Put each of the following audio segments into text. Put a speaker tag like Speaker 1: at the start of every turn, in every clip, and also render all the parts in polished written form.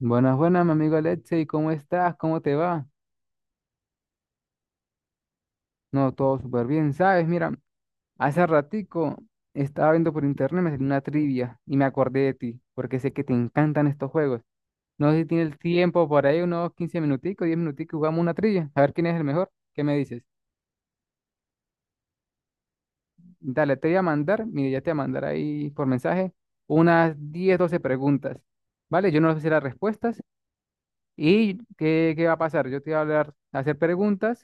Speaker 1: Buenas, buenas, mi amigo Alexei, ¿cómo estás? ¿Cómo te va? No, todo súper bien, ¿sabes? Mira, hace ratico estaba viendo por internet, me salió una trivia y me acordé de ti, porque sé que te encantan estos juegos. No sé si tienes el tiempo por ahí, unos 15 minuticos, 10 minuticos, jugamos una trivia, a ver quién es el mejor. ¿Qué me dices? Dale, te voy a mandar, mire, ya te voy a mandar ahí por mensaje unas 10, 12 preguntas, ¿vale? Yo no sé si las respuestas. ¿Y qué va a pasar? Yo te voy a hacer preguntas,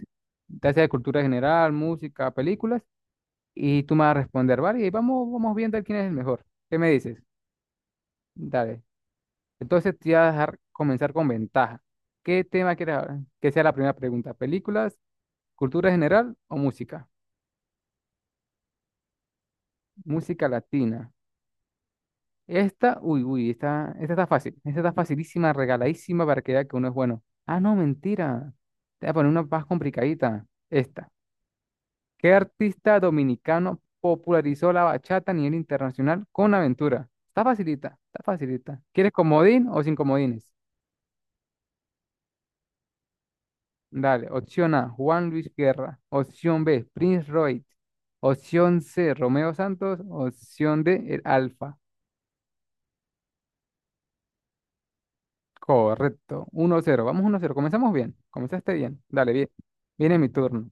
Speaker 1: te hace de cultura general, música, películas, y tú me vas a responder, ¿vale? Y ahí vamos, vamos viendo quién es el mejor. ¿Qué me dices? Dale. Entonces te voy a dejar comenzar con ventaja. ¿Qué tema quieres hablar? Que sea la primera pregunta. ¿Películas, cultura general o música? Música latina. Esta, uy, uy, esta está fácil. Esta está facilísima, regaladísima para que vea que uno es bueno. Ah, no, mentira. Te voy a poner una más complicadita. Esta. ¿Qué artista dominicano popularizó la bachata a nivel internacional con Aventura? Está facilita, está facilita. ¿Quieres comodín o sin comodines? Dale, opción A, Juan Luis Guerra. Opción B, Prince Royce. Opción C, Romeo Santos. Opción D, el Alfa. Correcto, uno cero. Vamos uno cero. Comenzamos bien. Comenzaste bien. Dale, bien. Viene mi turno.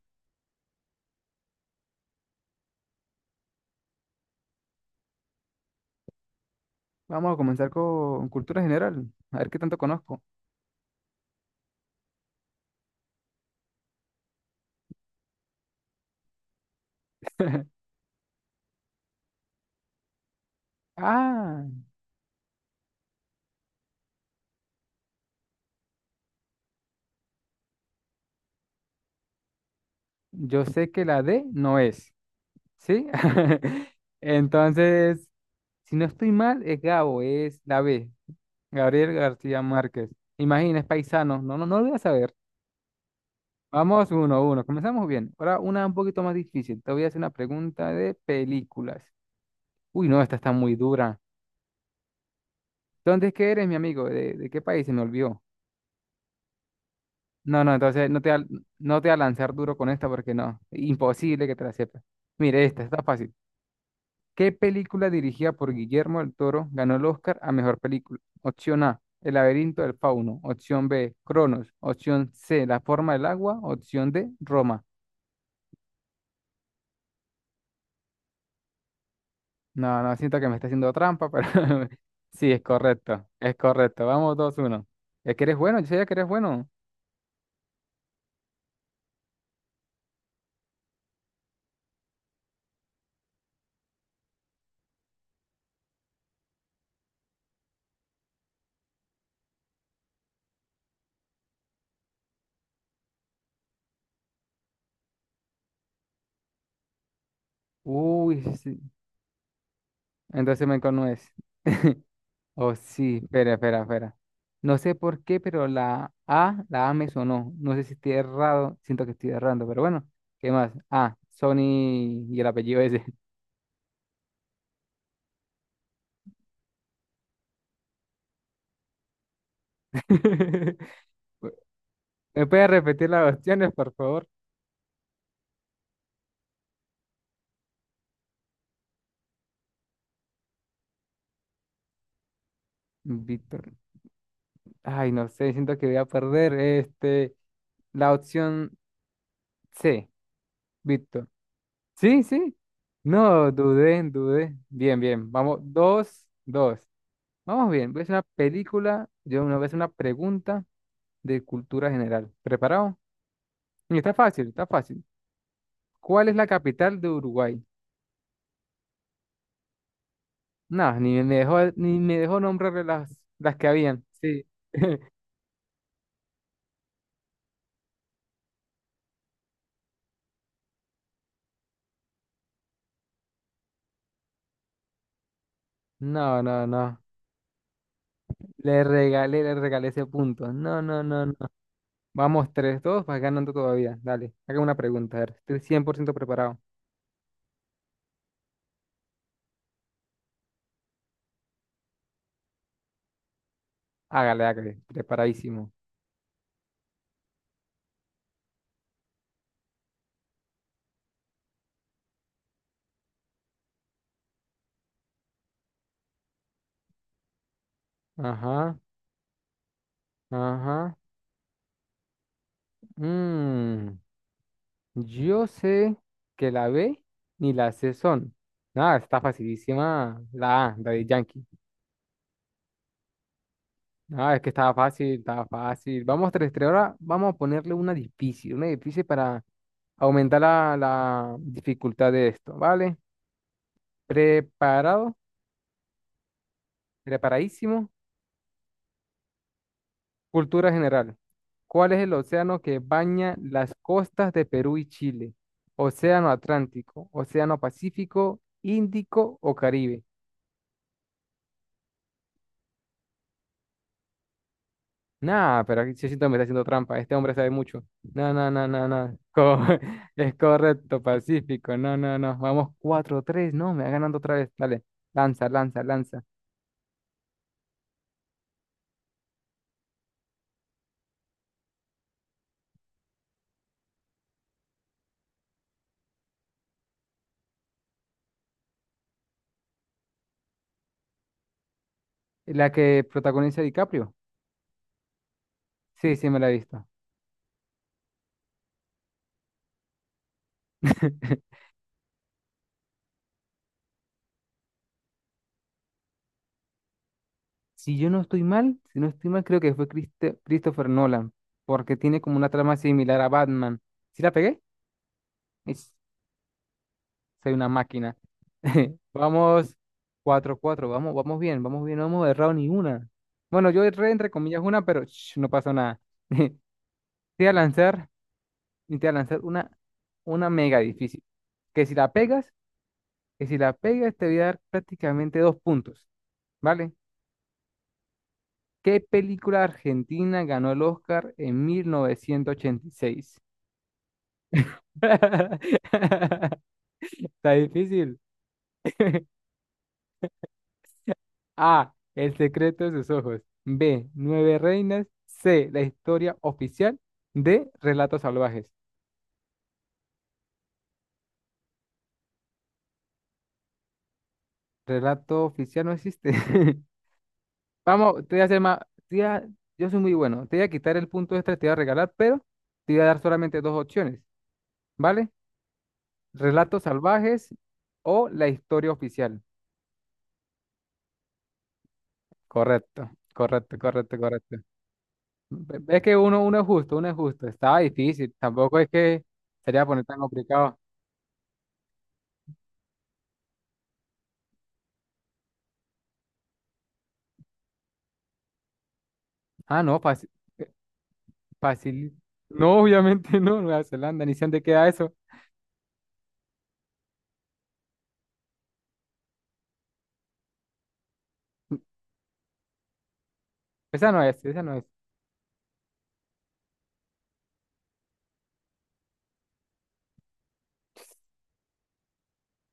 Speaker 1: Vamos a comenzar con cultura general. A ver qué tanto conozco. Ah, yo sé que la D no es. ¿Sí? Entonces, si no estoy mal, es Gabo, es la B, Gabriel García Márquez. Imagina, es paisano. No, no, no lo voy a saber. Vamos uno a uno. Comenzamos bien. Ahora una un poquito más difícil. Te voy a hacer una pregunta de películas. Uy, no, esta está muy dura. ¿Dónde es que eres, mi amigo? ¿De qué país? Se me olvidó. No, no, entonces no te voy a lanzar duro con esta porque no. Imposible que te la sepas. Mire, esta está fácil. ¿Qué película dirigida por Guillermo del Toro ganó el Oscar a mejor película? Opción A, El laberinto del fauno. Opción B, Cronos. Opción C, La forma del agua. Opción D, Roma. No, no, siento que me está haciendo trampa, pero sí, es correcto. Es correcto. Vamos, dos uno. Es que eres bueno, yo sabía que eres bueno. Uy, sí. Entonces me no Oh, sí, espera, espera, espera. No sé por qué, pero la A me sonó. No sé si estoy errado, siento que estoy errando, pero bueno, ¿qué más? Ah, Sony y el apellido ese. ¿Me puedes repetir las opciones, por favor? Víctor. Ay, no sé, siento que voy a perder. Este, la opción C, Víctor. Sí, sí. No, dudé, dudé. Bien, bien. Vamos, dos, dos. Vamos bien. Voy a hacer una película. Yo una vez una pregunta de cultura general. ¿Preparado? Y está fácil, está fácil. ¿Cuál es la capital de Uruguay? No, ni me dejó, ni me dejó nombrar las que habían. Sí. No, no, no. Le regalé ese punto. No, no, no, no. Vamos, tres 2, vas ganando todavía. Dale, haga una pregunta. A ver, estoy cien por ciento preparado. Hágale, hágale. Preparadísimo. Ajá, ajá. Mm. Yo sé que la B ni la C son. Nada, está facilísima la A, la de Yankee. Nada, es que estaba fácil, estaba fácil. Vamos, tres tres. Ahora vamos a ponerle una difícil para aumentar la dificultad de esto, ¿vale? Preparado, preparadísimo. Cultura general. ¿Cuál es el océano que baña las costas de Perú y Chile? Océano Atlántico, Océano Pacífico, Índico o Caribe. Nah, pero aquí sí siento que me está haciendo trampa. Este hombre sabe mucho. No, no, no, no, no. Es correcto, Pacífico. No, no, no. Vamos cuatro tres. No, me va ganando otra vez. Dale. Lanza, lanza, lanza. La que protagoniza DiCaprio. Sí, sí, me la he visto. Si no estoy mal, creo que fue Christopher Nolan, porque tiene como una trama similar a Batman. ¿Sí la pegué? Soy una máquina. Vamos cuatro cuatro. Vamos, vamos bien, vamos bien. No hemos errado ni una. Bueno, yo erré entre comillas una, pero sh, no pasó nada. Te voy a lanzar, y te voy a lanzar una mega difícil. Que si la pegas, que si la pegas, te voy a dar prácticamente dos puntos. ¿Vale? ¿Qué película argentina ganó el Oscar en mil novecientos ochenta y seis? Está difícil. A. El secreto de sus ojos. B. Nueve reinas. C. La historia oficial. D. Relatos salvajes. Relato oficial no existe. Vamos, te voy a hacer más. te voy a- yo soy muy bueno. Te voy a quitar el punto extra, te voy a regalar, pero te voy a dar solamente dos opciones, ¿vale? Relatos salvajes o la historia oficial. Correcto, correcto, correcto, correcto. Es que uno, uno es justo, uno es justo. Estaba difícil. Tampoco es que sería poner tan complicado. Ah, no, fácil. Fácil. No, obviamente no, Nueva Zelanda, ni sé dónde queda eso. Esa no es, esa no es.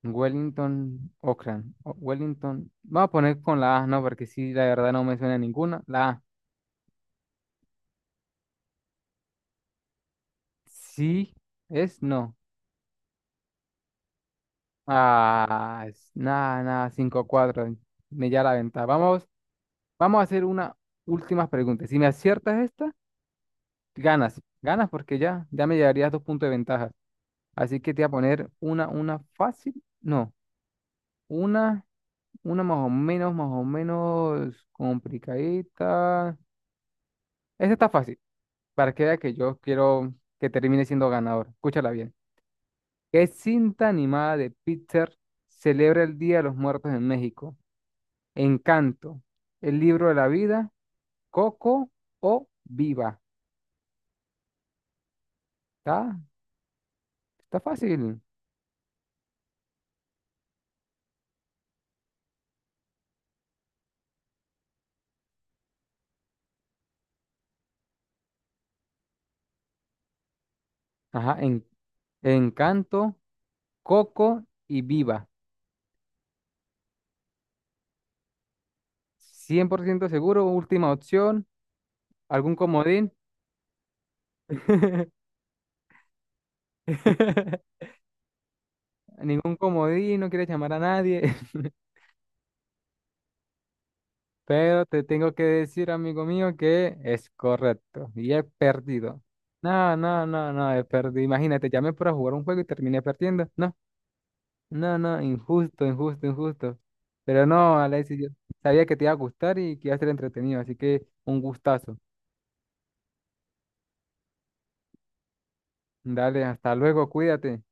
Speaker 1: Wellington, Auckland, Wellington. Vamos a poner con la A, no, porque sí, la verdad no me suena ninguna. La A. Sí, es no. Ah, nada, nada, cinco cuatro. Me ya la venta. Vamos, vamos a hacer una última pregunta. Si me aciertas esta, ganas. Ganas porque ya, me llevarías dos puntos de ventaja. Así que te voy a poner una fácil. No, una. Una más o menos complicadita. Esta está fácil, para que vea que yo quiero que termine siendo ganador. Escúchala bien. ¿Qué cinta animada de Pixar celebra el Día de los Muertos en México? Encanto, El Libro de la Vida, Coco o Viva. Está, está fácil. Ajá, Encanto, Coco y Viva. Cien por ciento seguro, última opción, algún comodín. Ningún comodín, no quieres llamar a nadie. Pero te tengo que decir, amigo mío, que es correcto. Y he perdido. No, no, no, no, he perdido. Imagínate, llamé para jugar un juego y terminé perdiendo. No, no, no, injusto, injusto, injusto. Pero no, Alexis, yo sabía que te iba a gustar y que iba a ser entretenido. Así que un gustazo. Dale, hasta luego, cuídate.